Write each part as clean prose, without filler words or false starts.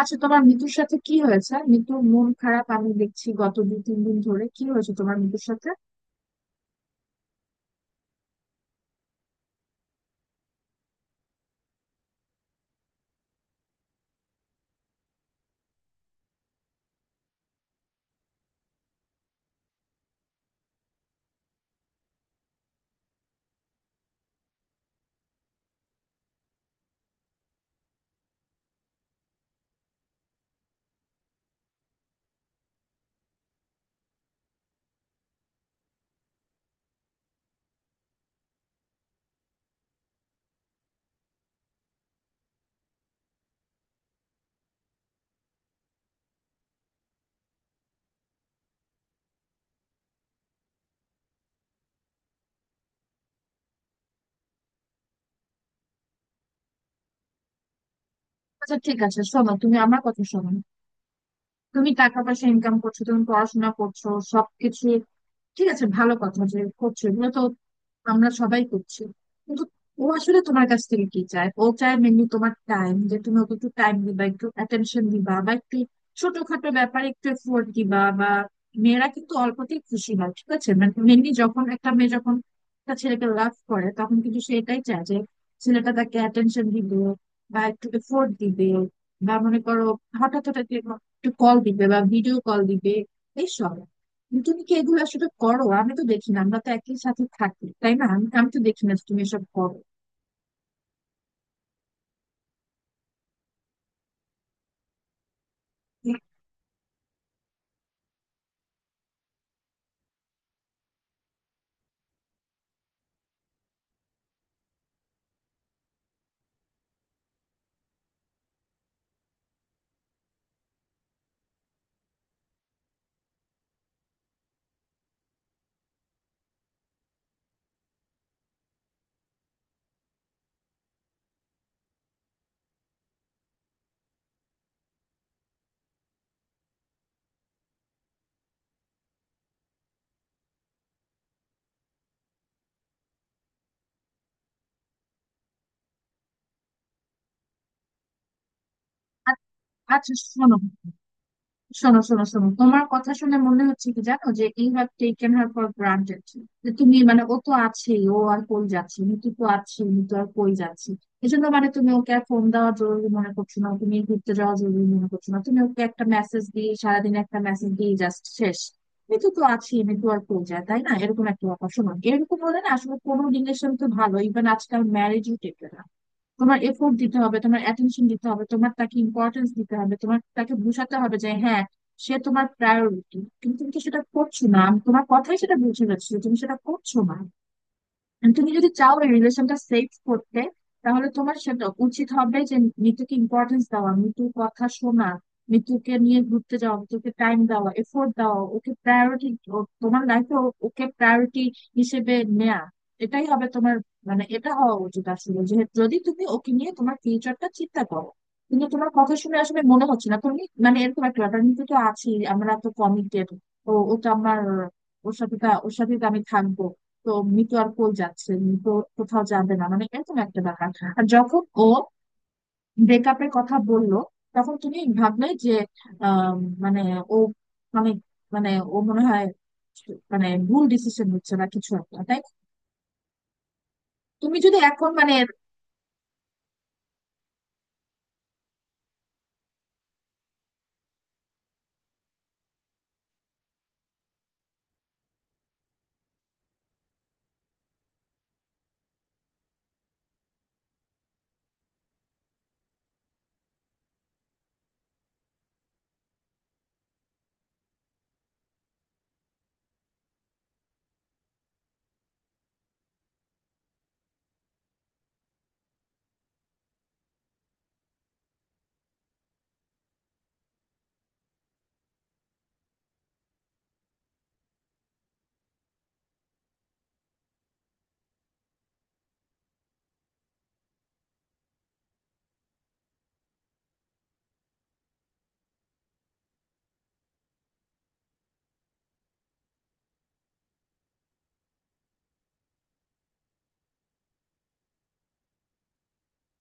আচ্ছা, তোমার মিতুর সাথে কি হয়েছে? মিতুর মন খারাপ আমি দেখছি গত 2-3 দিন ধরে। কি হয়েছে তোমার মিতুর সাথে? আচ্ছা ঠিক আছে, শোনো, তুমি আমার কথা শোনো। তুমি টাকা পয়সা ইনকাম করছো, তুমি পড়াশোনা করছো, সবকিছু ঠিক আছে, ভালো কথা। যে করছো এগুলো তো আমরা সবাই করছি, কিন্তু ও আসলে তোমার কাছ থেকে কি চায়? ও চায় মেনলি তোমার টাইম, যে তুমি ওকে একটু টাইম দিবা, একটু অ্যাটেনশন দিবা, বা একটু ছোটখাটো ব্যাপারে একটু এফোর্ট দিবা। বা মেয়েরা কিন্তু অল্পতেই খুশি হয়, ঠিক আছে? মানে মেনলি যখন একটা মেয়ে যখন একটা ছেলেকে লাভ করে, তখন কিন্তু সে এটাই চায় যে ছেলেটা তাকে অ্যাটেনশন দিবে বা একটু এফোর্ট দিবে, বা মনে করো হঠাৎ হঠাৎ একটু কল দিবে বা ভিডিও কল দিবে, এইসব। তুমি কি এগুলো আসলে করো? আমি তো দেখি না, আমরা তো একই সাথে থাকি, তাই না? আমি আমি তো দেখি না যে তুমি এসব করো। আচ্ছা, শোনো শোনো শোনো শোনো তোমার কথা শুনে মনে হচ্ছে কি জানো, যে you have taken her for granted. যে তুমি মানে ও তো আছেই, ও আর কই যাচ্ছে, মিতু তো আছে, মিতু আর কই যাচ্ছে। এজন্য মানে তুমি ওকে আর ফোন দেওয়া জরুরি মনে করছো না, তুমি ঘুরতে যাওয়া জরুরি মনে করছো না, তুমি ওকে একটা মেসেজ দিয়ে সারাদিন একটা মেসেজ দিয়ে জাস্ট শেষ। মিতু তো আছে, মিতু আর কই যায়, তাই না? এরকম একটা ব্যাপার। শোনো, এরকম হলে না আসলে কোনো রিলেশন তো ভালো, ইভেন আজকাল ম্যারেজও টেকে না। তোমার এফোর্ট দিতে হবে, তোমার অ্যাটেনশন দিতে হবে, তোমার তাকে ইম্পর্টেন্স দিতে হবে, তোমার তাকে বোঝাতে হবে যে হ্যাঁ সে তোমার প্রায়োরিটি। কিন্তু তুমি তো সেটা করছো না, আমি তোমার কথাই সেটা বুঝে যাচ্ছে যে তুমি সেটা করছো না। And তুমি যদি চাও এই রিলেশনটা সেফ করতে, তাহলে তোমার সেটা উচিত হবে যে মিতুকে ইম্পর্টেন্স দেওয়া, মিতুর কথা শোনা, মিতুকে নিয়ে ঘুরতে যাওয়া, মিতুকে টাইম দেওয়া, এফোর্ট দেওয়া, ওকে প্রায়োরিটি তোমার লাইফে, ওকে প্রায়োরিটি হিসেবে নেয়া। এটাই হবে তোমার, মানে এটা হওয়া উচিত আসলে, যে যদি তুমি ওকে নিয়ে তোমার ফিউচারটা চিন্তা করো। কিন্তু তোমার কথা শুনে আসলে মনে হচ্ছে না, তুমি মানে এরকম একটা ব্যাপার, মিতু তো আছি, আমরা তো কমিটেড, ও ও তো আমার, ওর সাথে তো আমি থাকবো, তো মিতু আর কই যাচ্ছে, মিতু কোথাও যাবে না, মানে এরকম একটা ব্যাপার। আর যখন ও ব্রেকআপের কথা বলল, তখন তুমি ভাবলে যে আম, মানে ও অনেক, মানে ও মনে হয় মানে ভুল ডিসিশন হচ্ছে না কিছু একটা, তাই না? তুমি যদি এখন মানে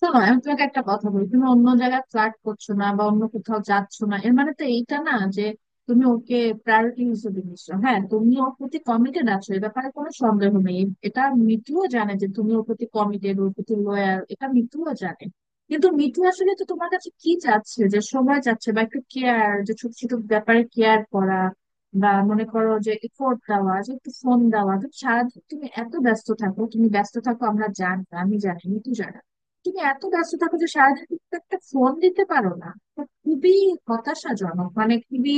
শোনো, আমি তোমাকে একটা কথা বলি। তুমি অন্য জায়গায় ফ্লার্ট করছো না বা অন্য কোথাও যাচ্ছ না, এর মানে তো এইটা না যে তুমি ওকে প্রায়োরিটি হিসেবে নিচ্ছ। হ্যাঁ, তুমি ওর প্রতি কমিটেড আছো, এ ব্যাপারে কোনো সন্দেহ নেই, এটা মিঠুও জানে যে তুমি ওর প্রতি কমিটেড, ওর প্রতি লয়াল, এটা মিঠুও জানে। কিন্তু মিঠু আসলে তো তোমার কাছে কি চাচ্ছে? যে সময় চাচ্ছে, বা একটু কেয়ার, যে ছোট ছোট ব্যাপারে কেয়ার করা, বা মনে করো যে এফোর্ট দেওয়া, যে একটু ফোন দেওয়া। তুমি সারাদিন তুমি এত ব্যস্ত থাকো, তুমি ব্যস্ত থাকো আমরা জানি, আমি জানি, মিঠু জানে, তুমি এত ব্যস্ত থাকো যে সারাদিন তুমি তো একটা ফোন দিতে পারো না। এটা খুবই হতাশাজনক, মানে খুবই,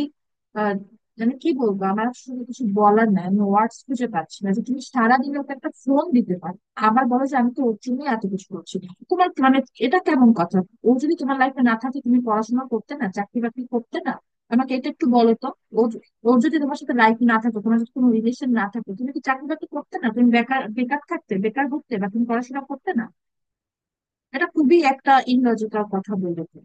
আহ, মানে কি বলবো, আমার আসলে কিছু বলার নাই, আমি ওয়ার্ডস খুঁজে পাচ্ছি না যে তুমি সারাদিন ওকে একটা ফোন দিতে পারো। আবার বলো যে আমি তো ওর জন্যই এত কিছু করছি, তোমার মানে এটা কেমন কথা? ও যদি তোমার লাইফে না থাকে তুমি পড়াশোনা করতে না, চাকরি বাকরি করতে না? আমাকে এটা একটু বলো তো, ও য- ওর যদি তোমার সাথে লাইফ না থাকতো, তোমার যদি কোনো রিলেশন না থাকতো, তুমি কি চাকরি বাকরি করতে না? তুমি বেকার বেকার থাকতে, বেকার ঘুরতে, বা তুমি পড়াশোনা করতে না? এটা খুবই একটা ইললজিক্যাল কথা বলেছো।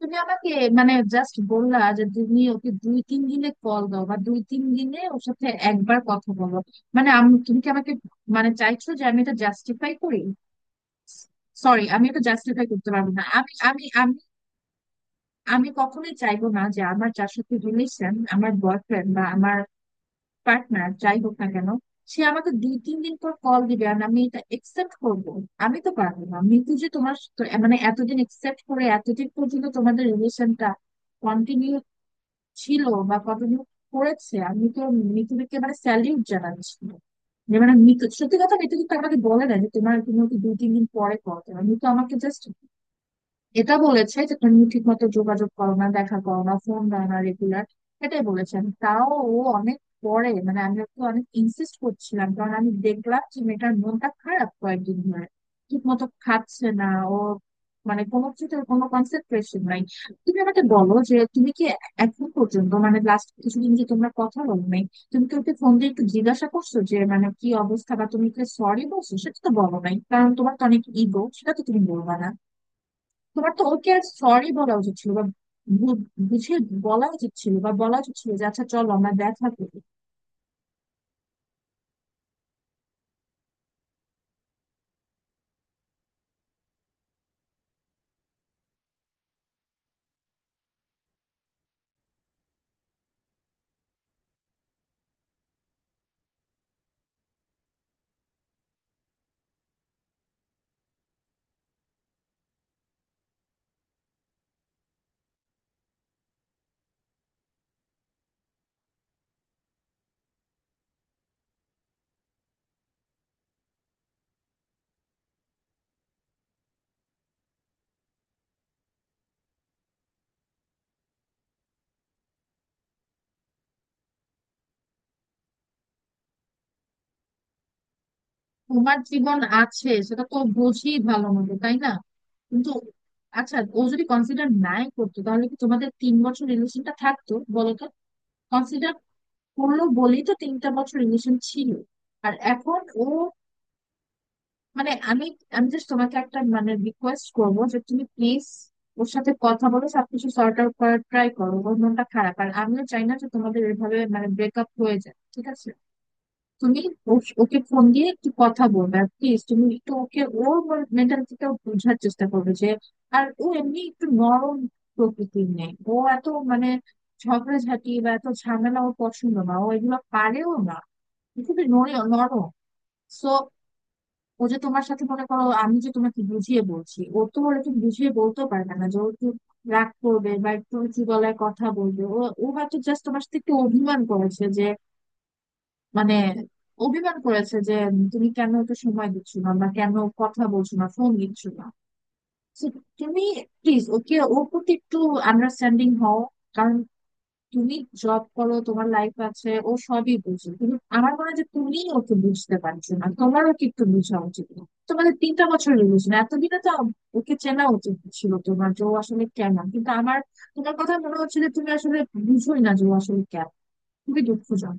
তুমি আমাকে মানে জাস্ট বললা যে তুমি ওকে দুই তিন দিনে কল দাও, বা 2-3 দিনে ওর সাথে একবার কথা বলো। মানে আমি, তুমি কি আমাকে মানে চাইছো যে আমি এটা জাস্টিফাই করি? সরি, আমি এটা জাস্টিফাই করতে পারবো না। আমি আমি কখনোই চাইবো না যে আমার যার সাথে রিলেশন, আমার বয়ফ্রেন্ড বা আমার পার্টনার যাই হোক না কেন, সে আমাকে 2-3 দিন পর কল দিবে আর আমি এটা একসেপ্ট করব। আমি তো পারবো না, মিতু যে তোমার তো- মানে এতদিন একসেপ্ট করে এতদিন পর্যন্ত তোমাদের রিলেশনটা কন্টিনিউ ছিল বা কন্টিনিউ করেছে, আমি তো মিতুকে মানে স্যালিউট জানাচ্ছি। যে মানে মিতু, সত্যি কথা, মিতু কিন্তু আমাকে বলে না যে তোমার তুমি ওকে দুই তিন দিন পরে কল করো, মিতু আমাকে জাস্ট এটা বলেছে যে তুমি ঠিক মতো যোগাযোগ করো না, দেখা করো না, ফোন দাও না রেগুলার, এটাই বলেছেন। তাও ও অনেক পরে, মানে আমি ওকে অনেক ইনসিস্ট করছিলাম, কারণ আমি দেখলাম যে মেয়েটার মনটা খারাপ কয়েকদিন ধরে, ঠিক মতো খাচ্ছে না ও, মানে কোনো কিছুতে ওর কোনো কনসেন্ট্রেশন নাই। তুমি আমাকে বলো যে তুমি কি এখন পর্যন্ত, মানে লাস্ট কিছুদিন যে তোমরা কথা বলো নাই, তুমি কি ওকে ফোন দিয়ে একটু জিজ্ঞাসা করছো যে মানে কি অবস্থা, বা তুমি কি সরি বলছো? সেটা তো বলো নাই, কারণ তোমার তো অনেক ইগো, সেটা তো তুমি বলবা না। তোমার তো ওকে আর সরি বলা উচিত ছিল, বা বুঝিয়ে বলা উচিত ছিল, বা বলা উচিত ছিল যে আচ্ছা চলো আমরা দেখা করি। তোমার জীবন আছে, সেটা তো বুঝি ভালো মতো, তাই না? কিন্তু আচ্ছা, ও যদি কনসিডার নাই করতো তাহলে কি তোমাদের 3 বছর রিলেশনটা থাকতো বলো তো? কনসিডার করলো বলেই তো 3টা বছর রিলেশন ছিল। আর এখন ও মানে আমি আমি জাস্ট তোমাকে একটা মানে রিকোয়েস্ট করবো যে তুমি প্লিজ ওর সাথে কথা বলো, সবকিছু সর্ট আউট করার ট্রাই করো। ওর মনটা খারাপ, আর আমিও চাই না যে তোমাদের এভাবে মানে ব্রেকআপ হয়ে যায়, ঠিক আছে? তুমি ওকে ফোন দিয়ে একটু কথা বলবে। আর প্লিজ তুমি একটু ওকে, ওর মেন্টালিটিটা বোঝার চেষ্টা করবে। যে আর ও এমনি একটু নরম প্রকৃতির নেই, ও এত মানে ঝগড়াঝাটি বা এত ঝামেলা ও পছন্দ না, ও এগুলো পারেও না, ও খুবই নরম। সো ও যে তোমার সাথে মনে করো আমি যে তোমাকে বুঝিয়ে বলছি, ও তো ওরকম বুঝিয়ে বলতেও পারবে না, যে ও একটু রাগ করবে বা একটু উঁচু গলায় কথা বলবে। ও ও হয়তো জাস্ট তোমার সাথে একটু অভিমান করেছে যে মানে অভিমান করেছে যে তুমি কেন ওকে সময় দিচ্ছ না, বা কেন কথা বলছো না, ফোন দিচ্ছ না। So, তুমি প্লিজ ওকে, ওর প্রতি একটু আন্ডারস্ট্যান্ডিং হও। কারণ তুমি জব করো, তোমার লাইফ আছে, ও সবই বুঝে, কিন্তু আমার মনে হয় যে তুমিই ওকে বুঝতে পারছো না। তোমার ওকে একটু বোঝা উচিত না? তোমাদের 3টা বছর রিলেশন, এতদিনে তো ওকে চেনা উচিত ছিল তোমার যে ও আসলে কেমন। কিন্তু আমার, তোমার কথা মনে হচ্ছে যে তুমি আসলে বুঝোই না যে ও আসলে কেমন। খুবই দুঃখজনক।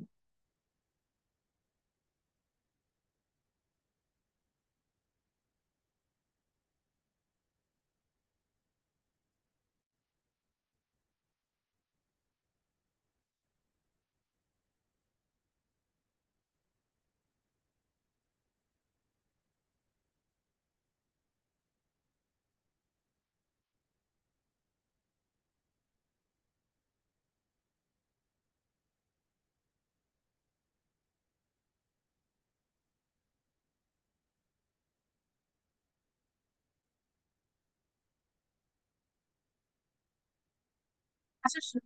আচ্ছা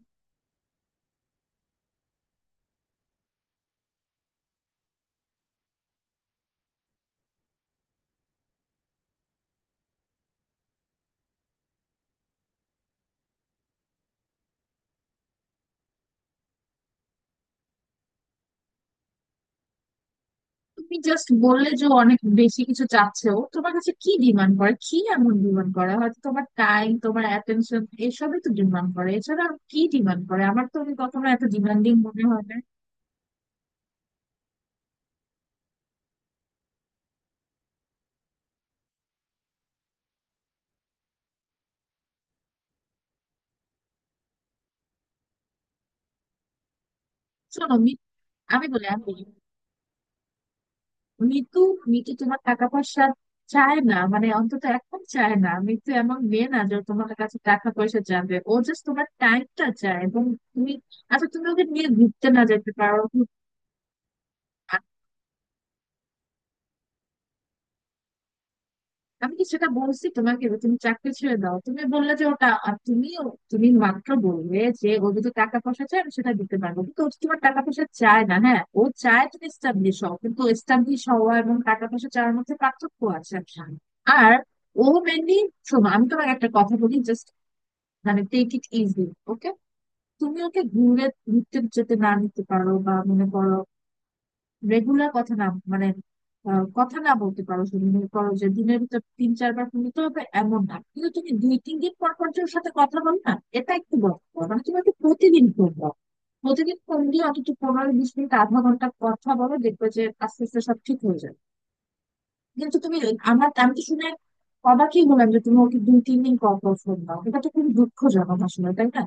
তুমি জাস্ট বললে যে ও অনেক বেশি কিছু চাচ্ছে, ও তোমার কাছে কি ডিমান্ড করে? কি এমন ডিমান্ড করে? হয়তো তোমার টাইম, তোমার অ্যাটেনশন, এসবই তো ডিমান্ড করে, এছাড়া আর কি ডিমান্ড করে? আমার তো ওকে কখনো এত ডিমান্ডিং মনে হয় না। শোনো আমি বলি, মিতু, মিতু তোমার টাকা পয়সা চায় না, মানে অন্তত এখন চায় না। মিতু এমন মেয়ে না যে ও তোমার কাছে টাকা পয়সা চাবে, ও জাস্ট তোমার টাইমটা চায়। এবং তুমি আচ্ছা, তুমি ওকে নিয়ে ঘুরতে না যেতে পারো। আমি কি সেটা বলছি তোমাকে যে তুমি চাকরি ছেড়ে দাও? তুমি বললে যে ওটা, আর তুমি তুমি মাত্র বললে যে ও যদি টাকা পয়সা চায় আমি সেটা দিতে পারবো, কিন্তু ও তো তোমার টাকা পয়সা চায় না। হ্যাঁ ও চায় তুমি এস্টাবলিশ হও, কিন্তু এস্টাবলিশ হওয়া এবং টাকা পয়সা চাওয়ার মধ্যে পার্থক্য আছে, আচ্ছা। আর ও মেনলি শোনো, আমি তোমাকে একটা কথা বলি জাস্ট মানে টেক ইট ইজি, ওকে? তুমি ওকে ঘুরে, ঘুরতে যেতে না নিতে পারো, বা মনে করো রেগুলার কথা না, মানে কথা না বলতে পারো, তুমি মনে করো যে দিনের ভিতর 3-4 বার ফোন দিতে হবে এমন না, কিন্তু তুমি 2-3 দিন পর পর যে ওর সাথে কথা বলো না, এটা একটু বড় কথা। মানে তুমি একটু প্রতিদিন ফোন দাও, প্রতিদিন ফোন দিয়ে অন্তত 15-20 মিনিট, 1/2 ঘন্টা কথা বলো, দেখবে যে আস্তে আস্তে সব ঠিক হয়ে যাবে। কিন্তু তুমি, আমার আমি তো শুনে অবাকই হলাম যে তুমি ওকে দুই তিন দিন পর পর ফোন দাও, এটা তো খুবই দুঃখজনক আসলে, তাই না?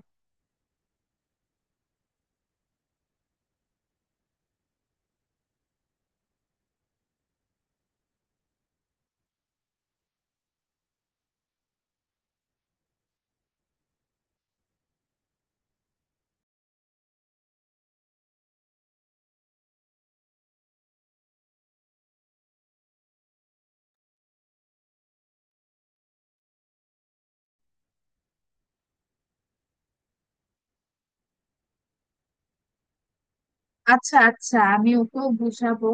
আচ্ছা আচ্ছা, আমি ওকেও বুঝাবো,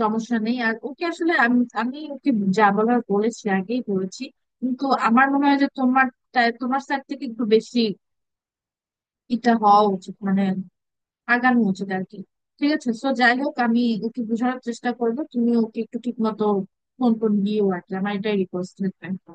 সমস্যা নেই। আর ওকে আসলে আমি, আমি ওকে যা বলার বলেছি, আগেই বলেছি। কিন্তু আমার মনে হয় যে তোমার তোমার স্যার থেকে একটু বেশি এটা হওয়া উচিত, মানে আগানো উচিত আর কি। ঠিক আছে, সো যাই হোক, আমি ওকে বোঝানোর চেষ্টা করবো, তুমি ওকে একটু ঠিক মতো ফোন টোন দিও আর কি, আমার এটাই রিকোয়েস্ট থাকবে।